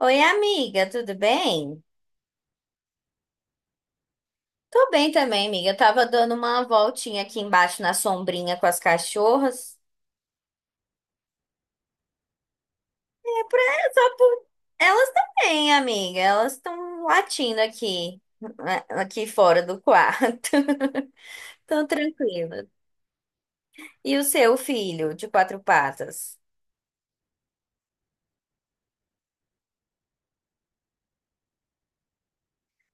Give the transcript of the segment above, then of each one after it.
Oi, amiga, tudo bem? Tô bem também, amiga. Eu tava dando uma voltinha aqui embaixo na sombrinha com as cachorras. É pra, só por... Elas também, amiga. Elas estão latindo aqui, né, aqui fora do quarto. Tão tranquila. E o seu filho de quatro patas?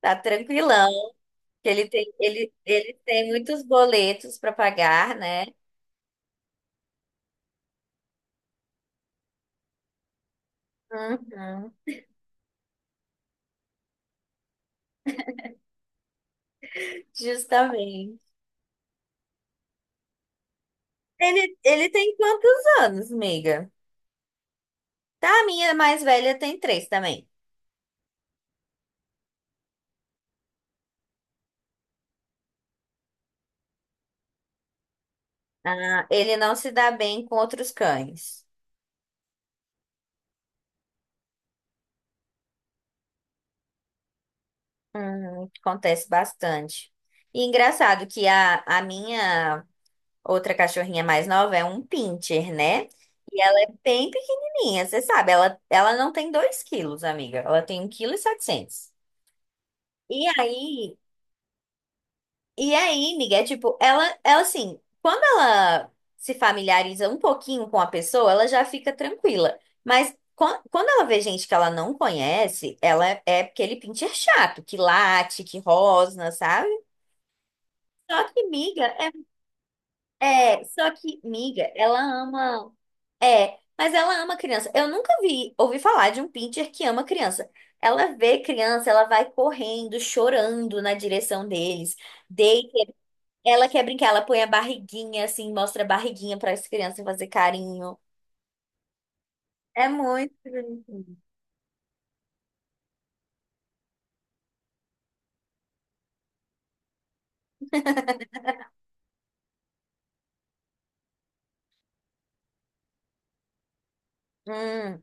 Tá tranquilão. Que Ele tem, ele tem muitos boletos pra pagar, né? Uhum, justamente. Ele tem quantos anos, amiga? Tá, a minha mais velha tem 3 também. Ah, ele não se dá bem com outros cães. Acontece bastante. E engraçado que a minha outra cachorrinha mais nova é um pincher, né? E ela é bem pequenininha, você sabe. Ela não tem 2 kg, amiga. Ela tem um quilo e setecentos. E aí, E aí, Miguel, tipo, ela assim, quando ela se familiariza um pouquinho com a pessoa, ela já fica tranquila. Mas quando ela vê gente que ela não conhece, ela é aquele pincher chato, que late, que rosna, sabe? Só que miga é, só que miga, ela ama, é, mas ela ama criança. Eu nunca vi, ouvi falar de um pincher que ama criança. Ela vê criança, ela vai correndo, chorando na direção deles. Deita, ela quer brincar, ela põe a barriguinha assim, mostra a barriguinha para as crianças fazer carinho. É muito bonitinho. Hum,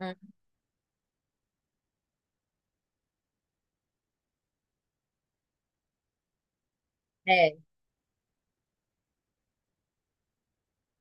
hum, é.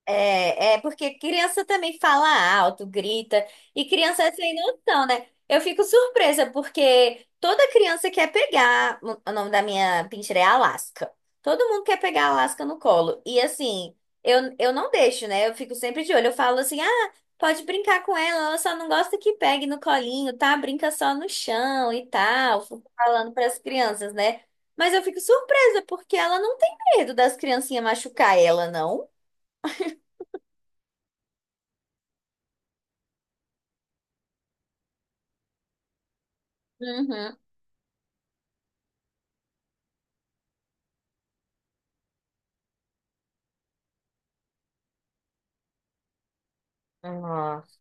É, é porque criança também fala alto, grita, e criança é sem noção, né? Eu fico surpresa, porque toda criança quer pegar. O nome da minha pincher é Alaska. Todo mundo quer pegar a Alaska no colo. E assim, eu não deixo, né? Eu fico sempre de olho. Eu falo assim: ah, pode brincar com ela, ela só não gosta que pegue no colinho, tá? Brinca só no chão e tal. Fico falando para as crianças, né? Mas eu fico surpresa, porque ela não tem medo das criancinhas machucar ela, não. Uhum. Nossa.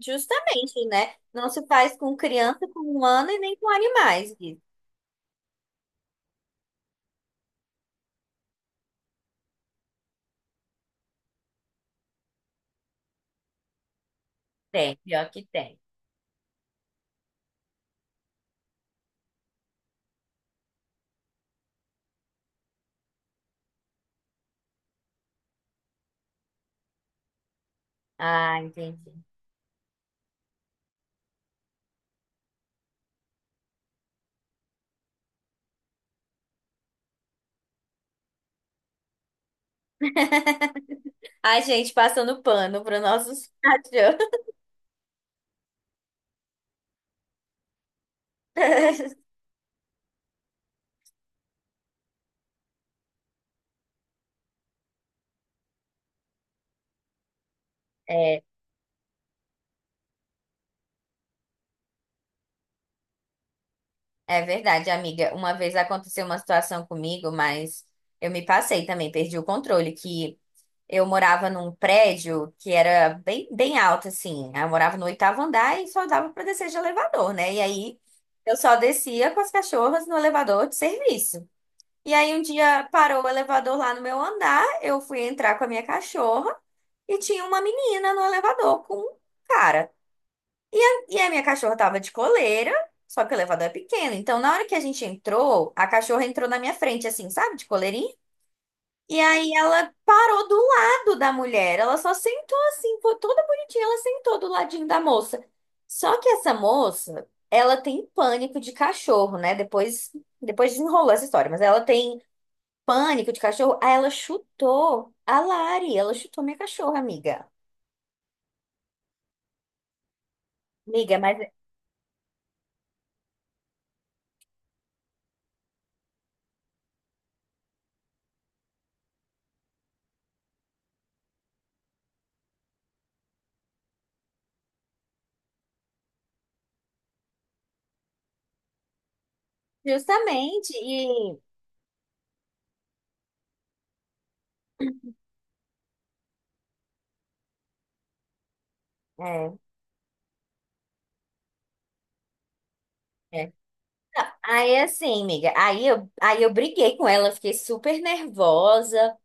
Justamente, né? Não se faz com criança, com humano e nem com animais, Gui. Tem, pior que tem. Ah, entendi. Ai, gente, passando pano para nossos cachorros. É, é verdade, amiga. Uma vez aconteceu uma situação comigo, mas eu me passei também, perdi o controle, que eu morava num prédio que era bem, bem alto, assim. Eu morava no oitavo andar e só dava para descer de elevador, né? E aí eu só descia com as cachorras no elevador de serviço. E aí um dia parou o elevador lá no meu andar, eu fui entrar com a minha cachorra e tinha uma menina no elevador com um cara. E a minha cachorra tava de coleira, só que o elevador é pequeno. Então na hora que a gente entrou, a cachorra entrou na minha frente, assim, sabe, de coleirinha. E aí ela parou do lado da mulher. Ela só sentou assim, foi toda bonitinha, ela sentou do ladinho da moça. Só que essa moça, ela tem pânico de cachorro, né? Depois desenrolou essa história, mas ela tem pânico de cachorro. Aí ela chutou a Lari, ela chutou minha cachorra, amiga. Amiga, mas é, justamente, e é, é. Não, aí assim, amiga, aí eu briguei com ela, fiquei super nervosa.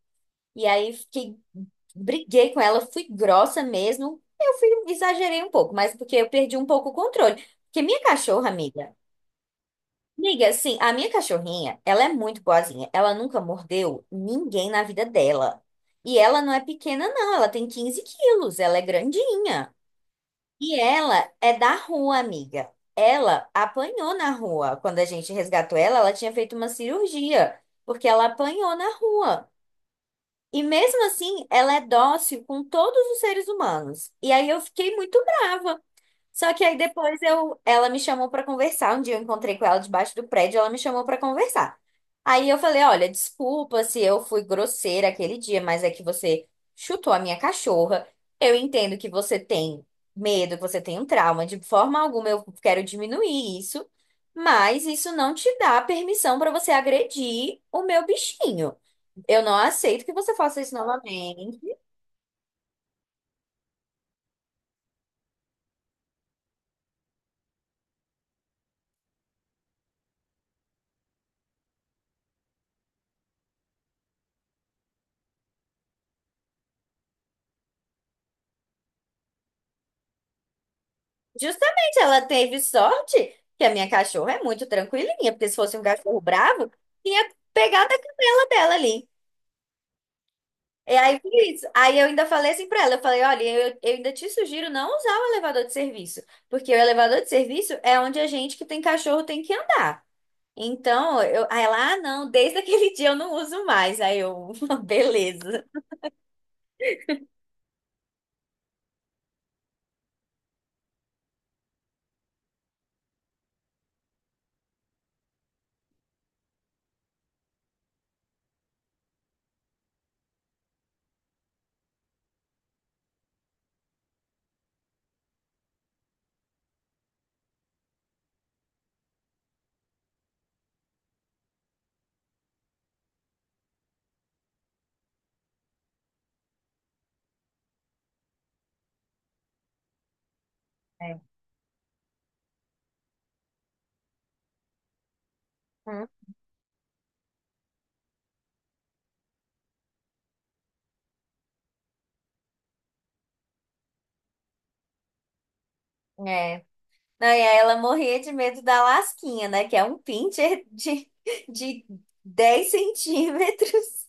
E aí fiquei, briguei com ela, fui grossa mesmo. Eu fui, exagerei um pouco, mas porque eu perdi um pouco o controle. Porque minha cachorra, amiga, amiga, assim, a minha cachorrinha, ela é muito boazinha. Ela nunca mordeu ninguém na vida dela. E ela não é pequena, não. Ela tem 15 kg, ela é grandinha. E ela é da rua, amiga. Ela apanhou na rua. Quando a gente resgatou ela, ela tinha feito uma cirurgia, porque ela apanhou na rua. E mesmo assim, ela é dócil com todos os seres humanos. E aí eu fiquei muito brava. Só que aí depois eu, ela me chamou pra conversar. Um dia eu encontrei com ela debaixo do prédio, ela me chamou pra conversar. Aí eu falei, olha, desculpa se eu fui grosseira aquele dia, mas é que você chutou a minha cachorra. Eu entendo que você tem medo, que você tem um trauma. De forma alguma eu quero diminuir isso, mas isso não te dá permissão pra você agredir o meu bichinho. Eu não aceito que você faça isso novamente. Justamente, ela teve sorte que a minha cachorra é muito tranquilinha, porque se fosse um cachorro bravo, tinha pegado a canela dela ali. E aí foi isso. Aí eu ainda falei assim pra ela, eu falei, olha, eu ainda te sugiro não usar o elevador de serviço, porque o elevador de serviço é onde a gente que tem cachorro tem que andar. Então, eu, aí ela, ah, não, desde aquele dia eu não uso mais. Aí eu, beleza. É. Hum. É. Não, e aí ela morria de medo da lasquinha, né? Que é um pincher de, 10 cm.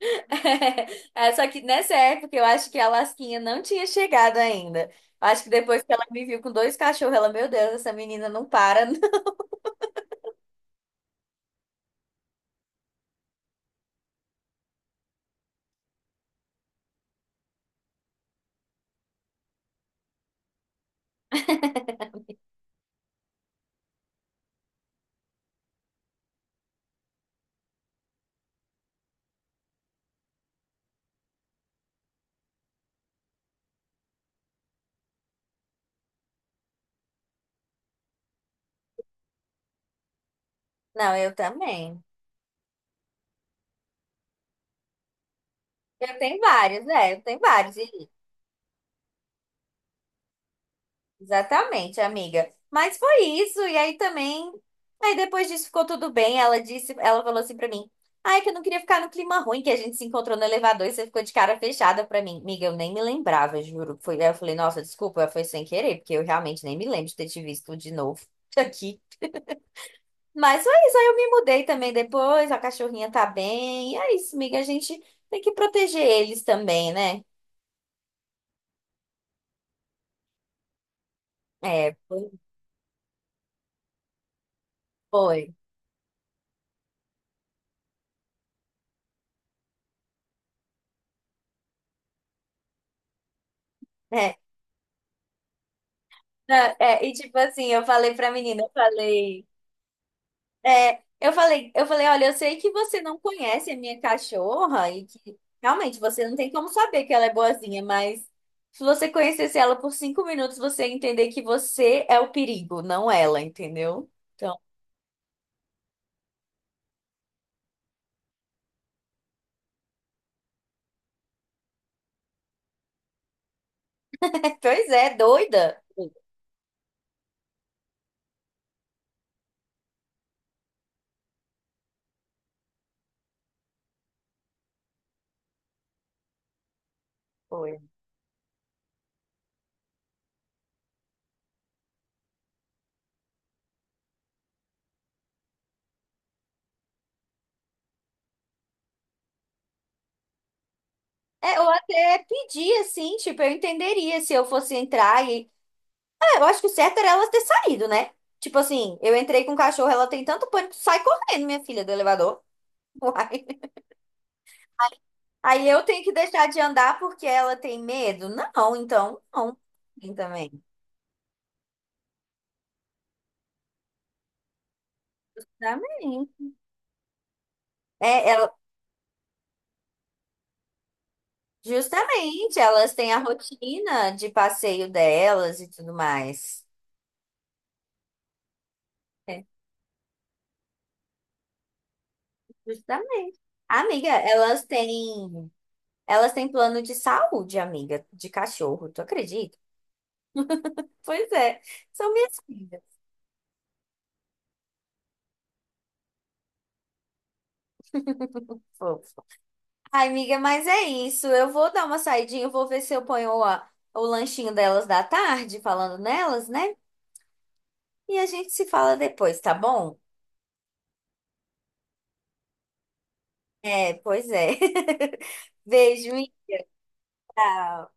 É, só que nessa época eu acho que a lasquinha não tinha chegado ainda. Eu acho que depois que ela me viu com dois cachorros, ela, meu Deus, essa menina não para. Não, eu também. Eu tenho vários, né? Eu tenho vários. E exatamente, amiga. Mas foi isso, e aí também. Aí depois disso ficou tudo bem. Ela disse, ela falou assim pra mim: Ai, que eu não queria ficar no clima ruim que a gente se encontrou no elevador e você ficou de cara fechada pra mim. Amiga, eu nem me lembrava, juro. Foi, aí eu falei, nossa, desculpa, foi sem querer, porque eu realmente nem me lembro de ter te visto de novo aqui. Mas foi isso, aí eu me mudei também depois, a cachorrinha tá bem. E é isso, amiga. A gente tem que proteger eles também, né? É, foi. Foi. É. Não, é, e tipo assim, eu falei pra menina, eu falei, é, eu falei, olha, eu sei que você não conhece a minha cachorra e que realmente você não tem como saber que ela é boazinha, mas se você conhecesse ela por 5 minutos, você ia entender que você é o perigo, não ela, entendeu? Então, pois é, doida. Foi. É, ou até pedir, assim, tipo, eu entenderia se eu fosse entrar e eu acho que o certo era elas ter saído, né? Tipo assim, eu entrei com o cachorro, ela tem tanto pânico, sai correndo, minha filha, do elevador. Uai. Aí eu tenho que deixar de andar porque ela tem medo? Não, então não. Tem. Também. Também. É, ela, justamente, elas têm a rotina de passeio delas e tudo mais. É, justamente. Amiga, elas têm plano de saúde, amiga, de cachorro, tu acredita? Pois é, são minhas filhas. Fofas. Ai, amiga, mas é isso. Eu vou dar uma saidinha, eu vou ver se eu ponho o lanchinho delas da tarde, falando nelas, né? E a gente se fala depois, tá bom? É, pois é. Beijo e tchau.